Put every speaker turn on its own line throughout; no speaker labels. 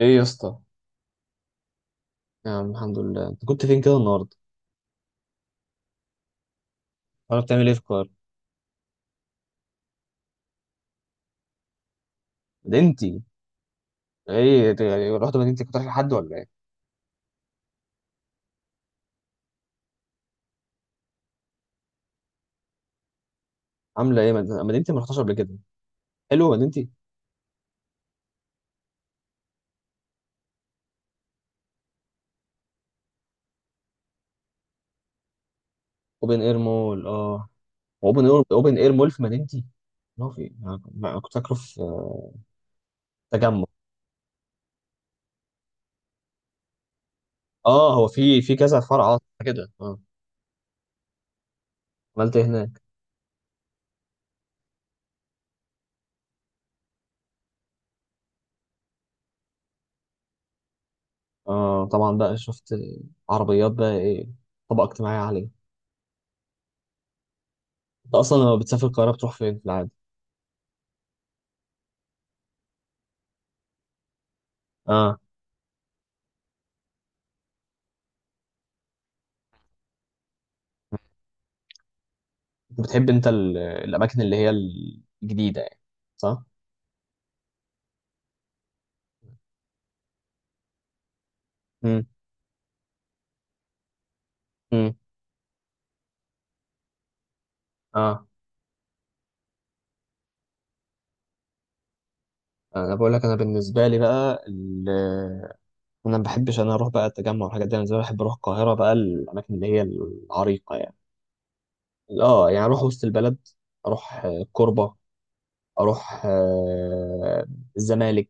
ايه يا اسطى. يا عم الحمد لله، انت كنت فين كده النهارده؟ ولا بتعمل ايه في القاهره؟ مدينتي. ايه ت- رحت مدينتي، كنت رايح لحد ولا ايه؟ عامله ايه مدينتي؟ ما رحتهاش قبل كده. حلو مدينتي. اوبن اير مول، اه. اوبن اير مول في مدينتي؟ ما هو في، أنا كنت فاكره في تجمع. اه، هو في كذا فرع، اه كده، اه. عملت ايه هناك؟ اه طبعا، بقى شفت عربيات بقى، ايه؟ طبقه اجتماعيه عاليه. انت اصلا لما بتسافر القاهره بتروح فين في العادي؟ اه. انت بتحب انت الاماكن اللي هي الجديده يعني، صح؟ امم امم اه. انا بقول لك، انا بالنسبه لي بقى انا ما بحبش، انا اروح بقى التجمع والحاجات دي. انا زي ما بحب اروح القاهره بقى الاماكن اللي هي العريقه يعني. اه، يعني اروح وسط البلد، اروح الكوربه، اروح الزمالك.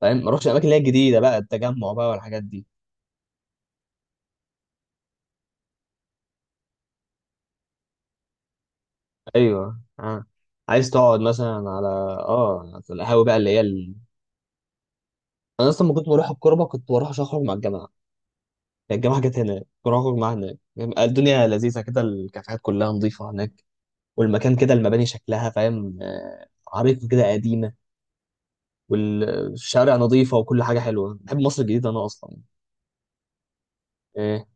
فاهم؟ ما اروحش الاماكن اللي هي الجديده بقى، التجمع بقى والحاجات دي. ايوه اه. عايز تقعد مثلا على على القهاوي بقى، اللي هي انا اصلا ما كنت بروح الكوربه، كنت بروح عشان اخرج مع الجماعه يعني. الجامعة كانت هناك، كراكور معاها. هناك الدنيا لذيذة كده، الكافيهات كلها نظيفة هناك، والمكان كده، المباني شكلها، فاهم؟ عريقة كده، قديمة. والشارع نظيفة وكل حاجة حلوة. بحب مصر الجديدة أنا أصلا. إيه؟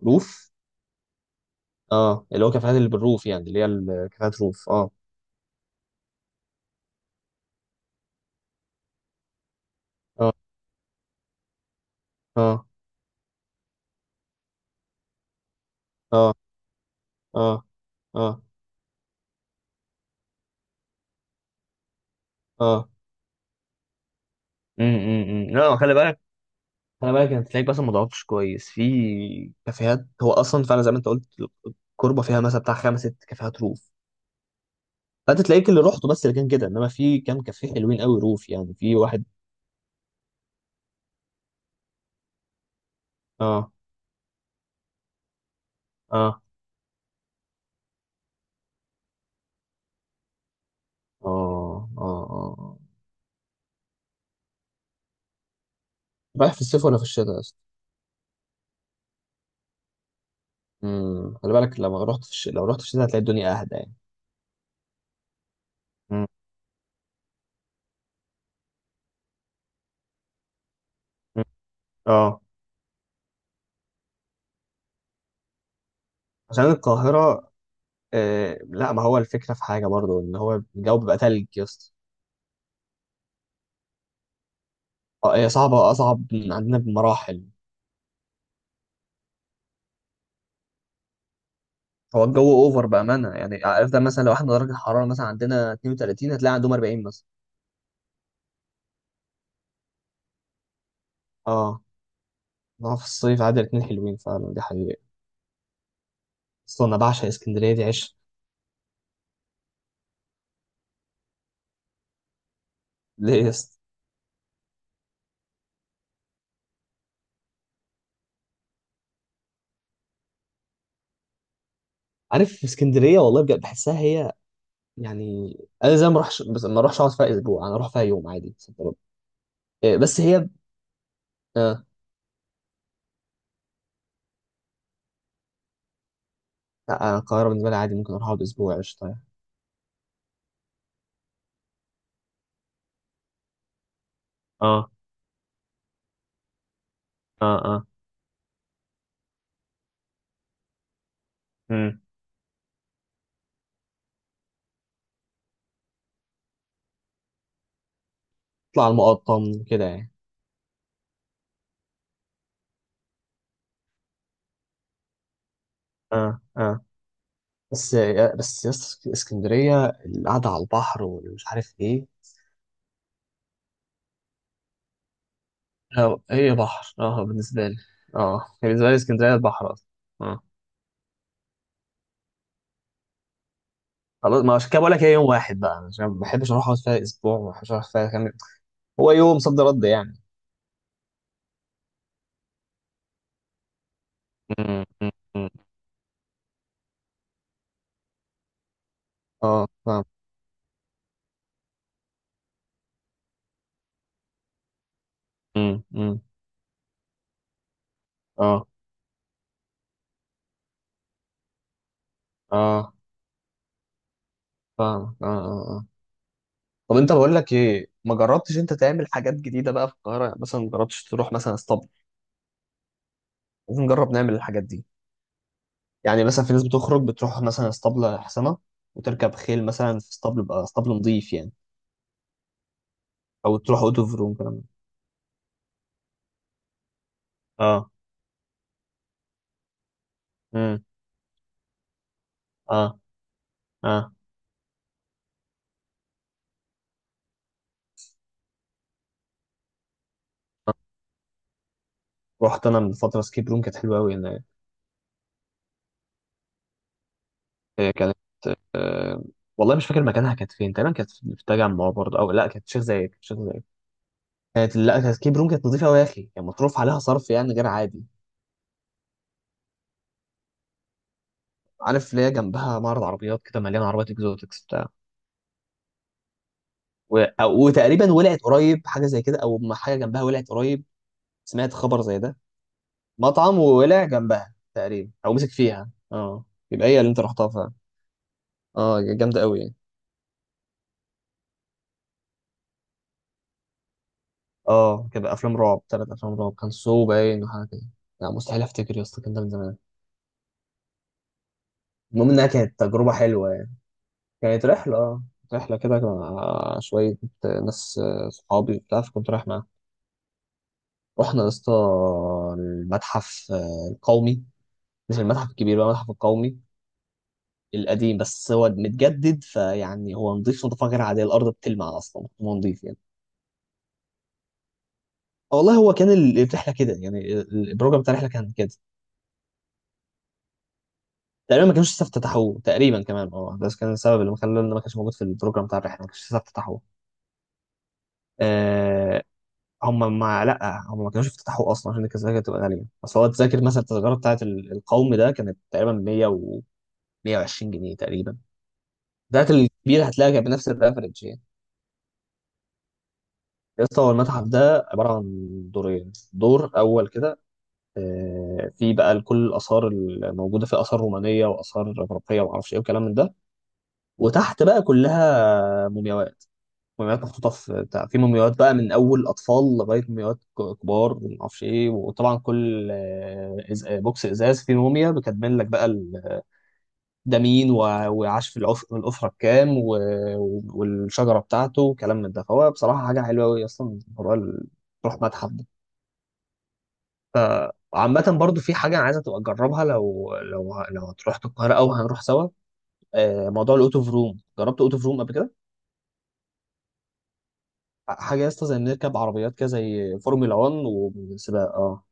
روف، اه، اللي هو كافيهات اللي بالروف يعني، اللي هي كافيهات روف، اه، اه، اه، اه، اه، اه، اه. لا، خلي بالك. خلي بالك، انت تلاقيك بس ما ضغطتش كويس في كافيهات. هو اصلا فعلا زي ما انت قلت، الكوربه فيها مثلا بتاع خمس ست كافيهات روف. فانت تلاقيك اللي رحته بس اللي كان كده، انما في كام كافيه حلوين قوي روف يعني، في واحد. اه، اه، اه، اه، اه. رايح في الصيف ولا في الشتاء اصلا؟ خلي بالك، لما رحت لو رحت في الشتاء هتلاقي الدنيا اهدى يعني. مم. مم. اه. عشان القاهرة. لا، ما هو الفكرة في حاجة برضو، ان هو الجو بيبقى تلج يا اسطى. اه، هي صعبة، اصعب من عندنا بمراحل. هو الجو اوفر بأمانة. يعني افضل، مثلا لو احنا درجة الحرارة مثلا عندنا 32 هتلاقي عندهم 40 مثلا. اه. ما هو في الصيف عادي، الاتنين حلوين فعلا، دي حقيقة. اصلا انا بعشق اسكندريه، دي عشق. ليه يا اسطى؟ عارف، اسكندريه والله بجد بحسها هي يعني، انا زي ما اروحش، بس ما اروحش اقعد فيها اسبوع. انا اروح فيها يوم عادي صد رد. إيه، بس هي. آه. لا، أنا القاهره بالنسبه لي عادي، ممكن اروح اقعد اسبوع قشطه يعني. اه، اه، اه. امم. اطلع على المقطم كده يعني. اه، اه. بس، بس يا اسطى اسكندريه القعده على البحر ومش عارف ايه. هي بحر اه بالنسبه لي. اه، هي بالنسبه لي اسكندريه البحر اصلا. خلاص، ما عشان كده بقول لك هي يوم واحد بقى، عشان ما بحبش اروح اقعد فيها اسبوع، وما بحبش اروح فيها كام يوم. هو يوم صد رد يعني. مم، مم، مم. اه فاهم. امم، أمم. اه، اه فاهم، اه، اه، اه. طب انت بقول لك ايه، ما جربتش انت تعمل حاجات جديده بقى في القاهره؟ يعني مثلا ما جربتش تروح مثلا اسطبل؟ لازم نجرب نعمل الحاجات دي. يعني مثلا في ناس بتخرج بتروح مثلا اسطبل حسنه، وتركب خيل مثلا في اسطبل بقى، اسطبل نظيف يعني. او تروح اوتوف روم كلام ده. اه. امم. اه، اه. رحت انا من فتره سكيب روم، كانت حلوه قوي. هي كانت، والله مش فاكر مكانها، كانت فين تقريبا؟ كانت في التجمع برضه، او لا، كانت شيخ زايد، كانت شيخ زايد. كانت لا كانت كيب روم، كانت نظيفه قوي يا اخي. كان مصروف عليها صرف يعني غير عادي. عارف اللي هي جنبها معرض عربيات كده، مليان عربيات اكزوتكس بتاع. وتقريبا ولعت قريب حاجه زي كده، او ما حاجه جنبها ولعت قريب. سمعت خبر زي ده؟ مطعم، وولع جنبها تقريبا، او مسك فيها اه. يبقى هي اللي انت رحتها فعلا. اه، جامده قوي يعني. اه كده، افلام رعب، ثلاث افلام رعب، كان سو باين وحاجه كده. لا، مستحيل افتكر يا اسطى، كان ده من زمان. المهم انها كانت تجربه حلوه. كانت رحلة اه، رحلة كده مع شوية ناس، صحابي وبتاع، فكنت رايح معاهم. رحنا يا اسطى المتحف القومي. مش المتحف الكبير بقى، المتحف القومي القديم. بس هو متجدد، فيعني هو نظيف نظافة غير عادية، الأرض بتلمع أصلا، هو نظيف يعني. والله، هو كان الرحلة كده يعني، البروجرام بتاع الرحلة كان كده. تقريبا ما كانوش لسه افتتحوه تقريبا كمان، اه، ده كان السبب اللي مخلى إن ما كانش موجود في البروجرام بتاع الرحلة، ما كانش لسه افتتحوه. هم ما كانوش يفتتحوا اصلا عشان التذاكر تبقى غاليه. بس هو التذاكر، مثلا التذكره بتاعت القوم ده كانت تقريبا 100 و 120 جنيه تقريبا. بتاعت الكبير هتلاقيها كانت بنفس الريفرنج يعني. يا اسطى، هو المتحف ده عباره عن دورين. دور اول كده، في بقى كل الاثار الموجوده، في اثار رومانيه واثار اغريقيه وما اعرفش ايه وكلام من ده. وتحت بقى كلها مومياوات. مومياوات محطوطة في بتاع، في مومياوات بقى من أول أطفال لغاية مومياوات كبار، ومعرفش إيه. وطبعا كل بوكس إزاز فيه موميا بتكمل لك بقى ده مين وعاش في الأسرة الكام والشجرة بتاعته وكلام من ده. فهو بصراحة حاجة حلوة أوي، أصلا موضوع تروح متحف ده. وعامة برضو، في حاجة أنا عايزة تبقى تجربها، لو لو هتروح القاهرة أو هنروح سوا. موضوع الأوت أوف روم، جربت أوت أوف روم قبل كده؟ حاجة يا اسطى زي نركب عربيات كده زي فورمولا 1 وسباق، اه.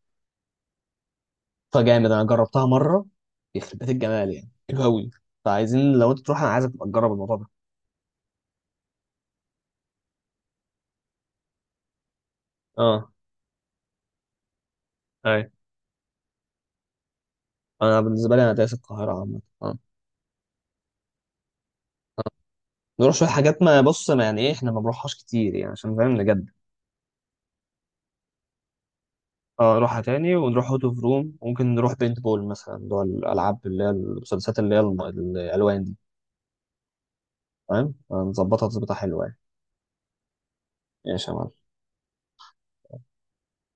فجامد، انا جربتها مره، يخرب بيت الجمال يعني، حلو قوي. فعايزين، لو انت تروح انا عايزك تبقى تجرب الموضوع ده. اه، اي. انا بالنسبه لي، انا دايس القاهره عامه اه. نروح شويه حاجات، ما بص، ما يعني ايه، احنا ما بنروحهاش كتير يعني، عشان فاهم نجد. اه، نروحها تاني، ونروح اوت اوف روم. ممكن نروح بينت بول مثلا، اللي هو الالعاب اللي هي المسدسات، اللي هي الالوان دي. فاهم؟ نظبطها تظبطها حلوه يعني. ماشي يا معلم.